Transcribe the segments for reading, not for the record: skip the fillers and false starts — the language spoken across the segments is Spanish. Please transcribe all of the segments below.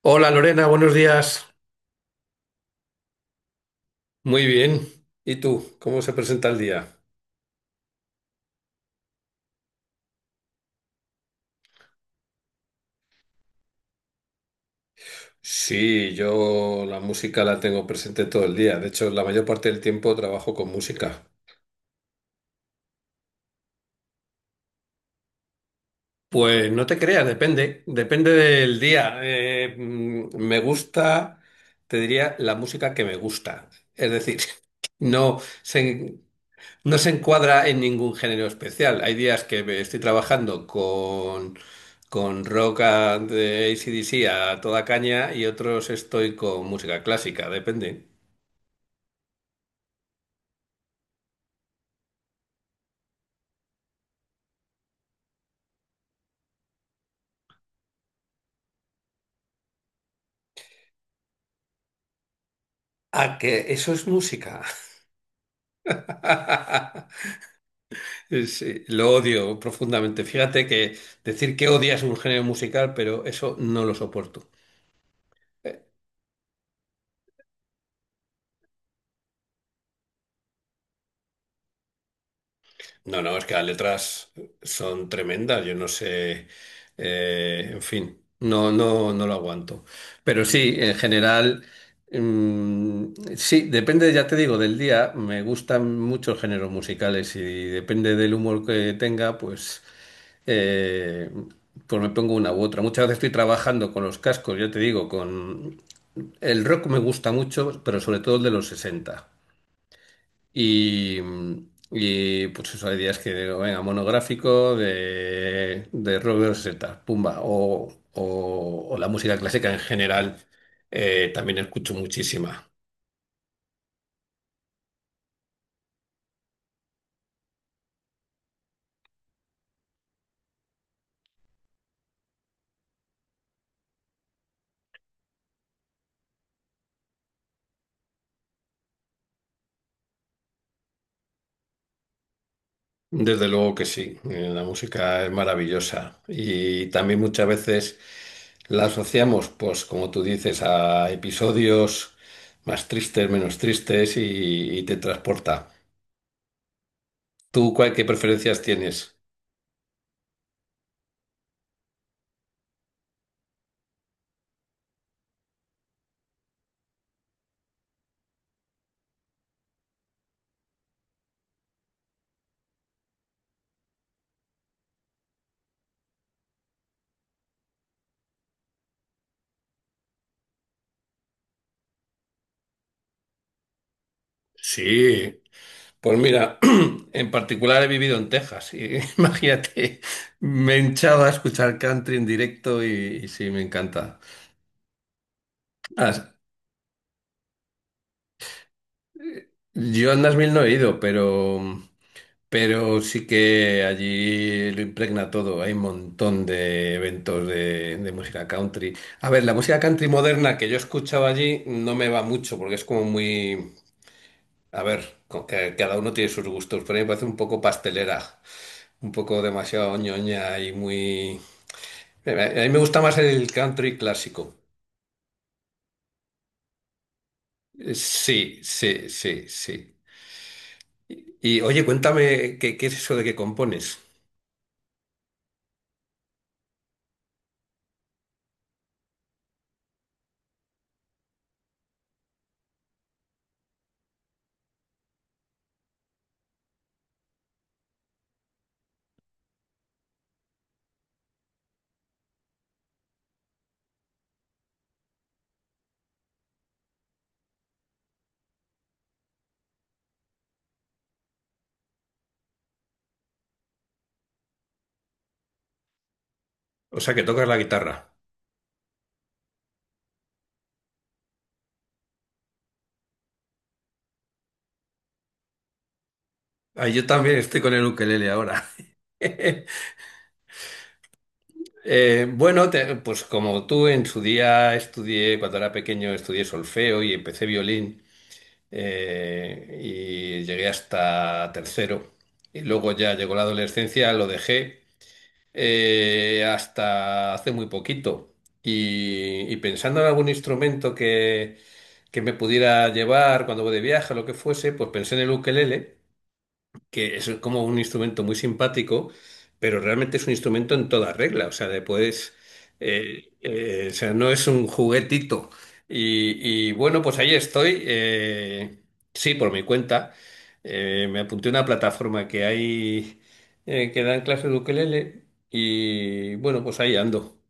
Hola Lorena, buenos días. Muy bien. ¿Y tú? ¿Cómo se presenta el día? Sí, yo la música la tengo presente todo el día. De hecho, la mayor parte del tiempo trabajo con música. Pues no te creas, depende, depende del día. Me gusta, te diría, la música que me gusta. Es decir, no sé. No se encuadra en ningún género especial. Hay días que me estoy trabajando con de AC/DC a toda caña y otros estoy con música clásica, depende. Ah, que eso es música. Sí, lo odio profundamente. Fíjate que decir que odias un género musical, pero eso no lo soporto. No, no, es que las letras son tremendas, yo no sé, en fin, no lo aguanto. Pero sí, en general, mm, sí, depende, ya te digo, del día, me gustan muchos géneros musicales y depende del humor que tenga, pues, eh, pues me pongo una u otra. Muchas veces estoy trabajando con los cascos, ya te digo, con el rock me gusta mucho, pero sobre todo el de los 60. Y pues eso, hay días que digo, venga, monográfico de Robert Z, pumba, o la música clásica en general, también escucho muchísima. Desde luego que sí, la música es maravillosa y también muchas veces la asociamos, pues como tú dices, a episodios más tristes, menos tristes y te transporta. ¿Tú cuál, qué preferencias tienes? Sí. Pues mira, en particular he vivido en Texas y imagínate, me he hinchado a escuchar country en directo y sí, me encanta. Ah, yo a Nashville no he ido, pero sí que allí lo impregna todo. Hay un montón de eventos de música country. A ver, la música country moderna que yo escuchaba allí no me va mucho porque es como muy... A ver, cada uno tiene sus gustos, pero a mí me parece un poco pastelera, un poco demasiado ñoña y muy... a mí me gusta más el country clásico. Sí, sí, sí, sí. Y oye, cuéntame, qué es eso de que compones? O sea, que tocas la guitarra. Ah, yo también estoy con el ukelele ahora. Bueno, pues como tú en su día estudié, cuando era pequeño, estudié solfeo y empecé violín, y llegué hasta tercero. Y luego ya llegó la adolescencia, lo dejé, hasta hace muy poquito. Y pensando en algún instrumento que me pudiera llevar cuando voy de viaje o lo que fuese, pues pensé en el ukelele que es como un instrumento muy simpático, pero realmente es un instrumento en toda regla, o sea, le puedes, o sea, no es un juguetito. Y bueno, pues ahí estoy, sí, por mi cuenta. Me apunté a una plataforma que hay, que dan clases de ukelele y bueno, pues ahí ando.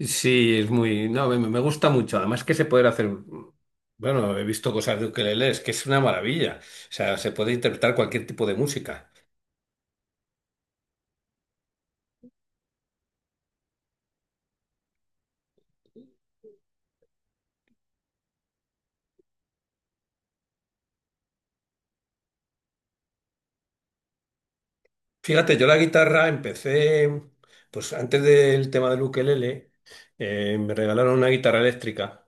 Sí, es muy, no, me gusta mucho, además que se puede hacer... Bueno, he visto cosas de ukelele, es que es una maravilla. O sea, se puede interpretar cualquier tipo de música. Fíjate, yo la guitarra empecé, pues antes del tema del ukelele, me regalaron una guitarra eléctrica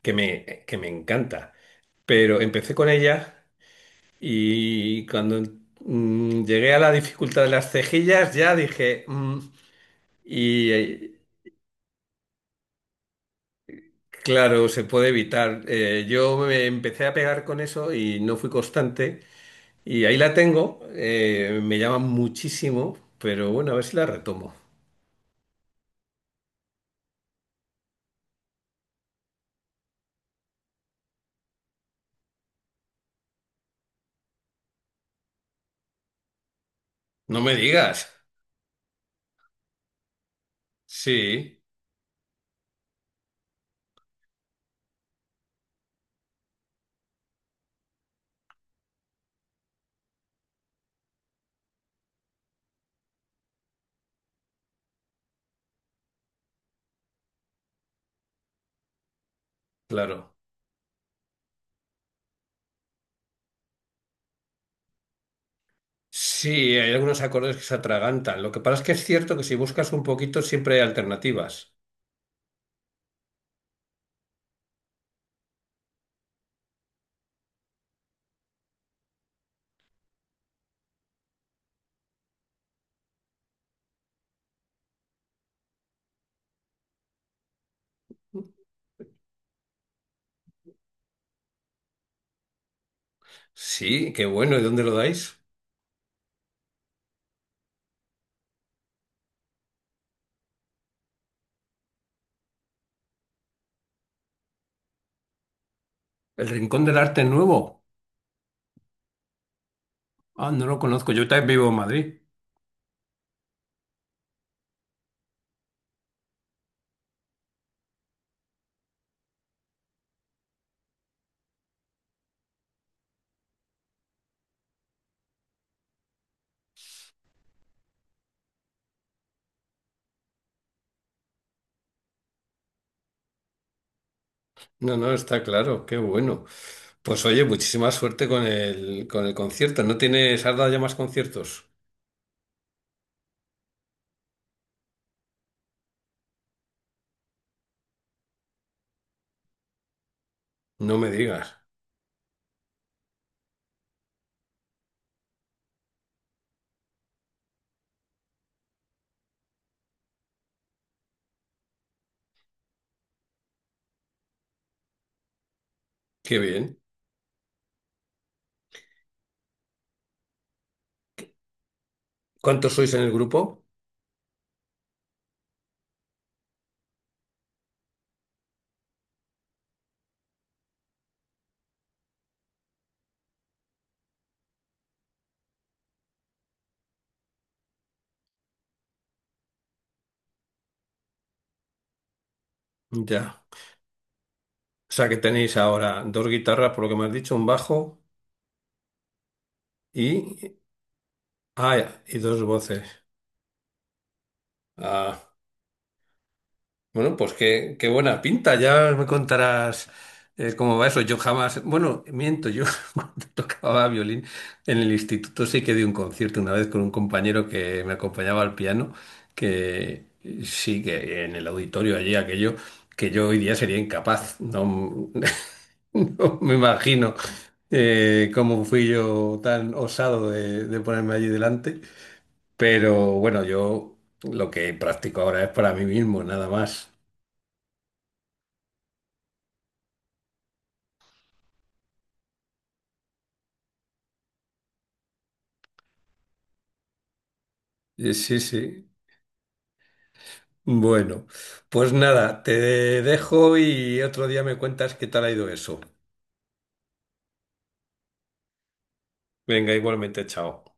que me encanta, pero empecé con ella y cuando llegué a la dificultad de las cejillas ya dije, y eh, claro, se puede evitar. Yo me empecé a pegar con eso y no fui constante y ahí la tengo, me llama muchísimo, pero bueno, a ver si la retomo. No me digas, sí. Claro. Sí, hay algunos acordes que se atragantan. Lo que pasa es que es cierto que si buscas un poquito siempre hay alternativas. Sí, qué bueno. ¿Y dónde lo dais? El Rincón del Arte Nuevo. Ah, no lo conozco. Yo también vivo en Madrid. No, no, está claro. Qué bueno. Pues oye, muchísima suerte con con el concierto. ¿No tienes, has dado ya más conciertos? No me digas. Qué bien. ¿Cuántos sois en el grupo? Ya. O sea que tenéis ahora dos guitarras, por lo que me has dicho, un bajo y... Ah, y dos voces. Ah, bueno, pues qué, qué buena pinta. Ya me contarás, cómo va eso. Yo jamás, bueno, miento, yo cuando tocaba violín en el instituto sí que di un concierto una vez con un compañero que me acompañaba al piano, que sí que en el auditorio allí aquello que yo hoy día sería incapaz. No, no me imagino cómo fui yo tan osado de ponerme allí delante. Pero bueno, yo lo que practico ahora es para mí mismo, nada más. Sí, sí. Bueno, pues nada, te dejo y otro día me cuentas qué tal ha ido eso. Venga, igualmente, chao.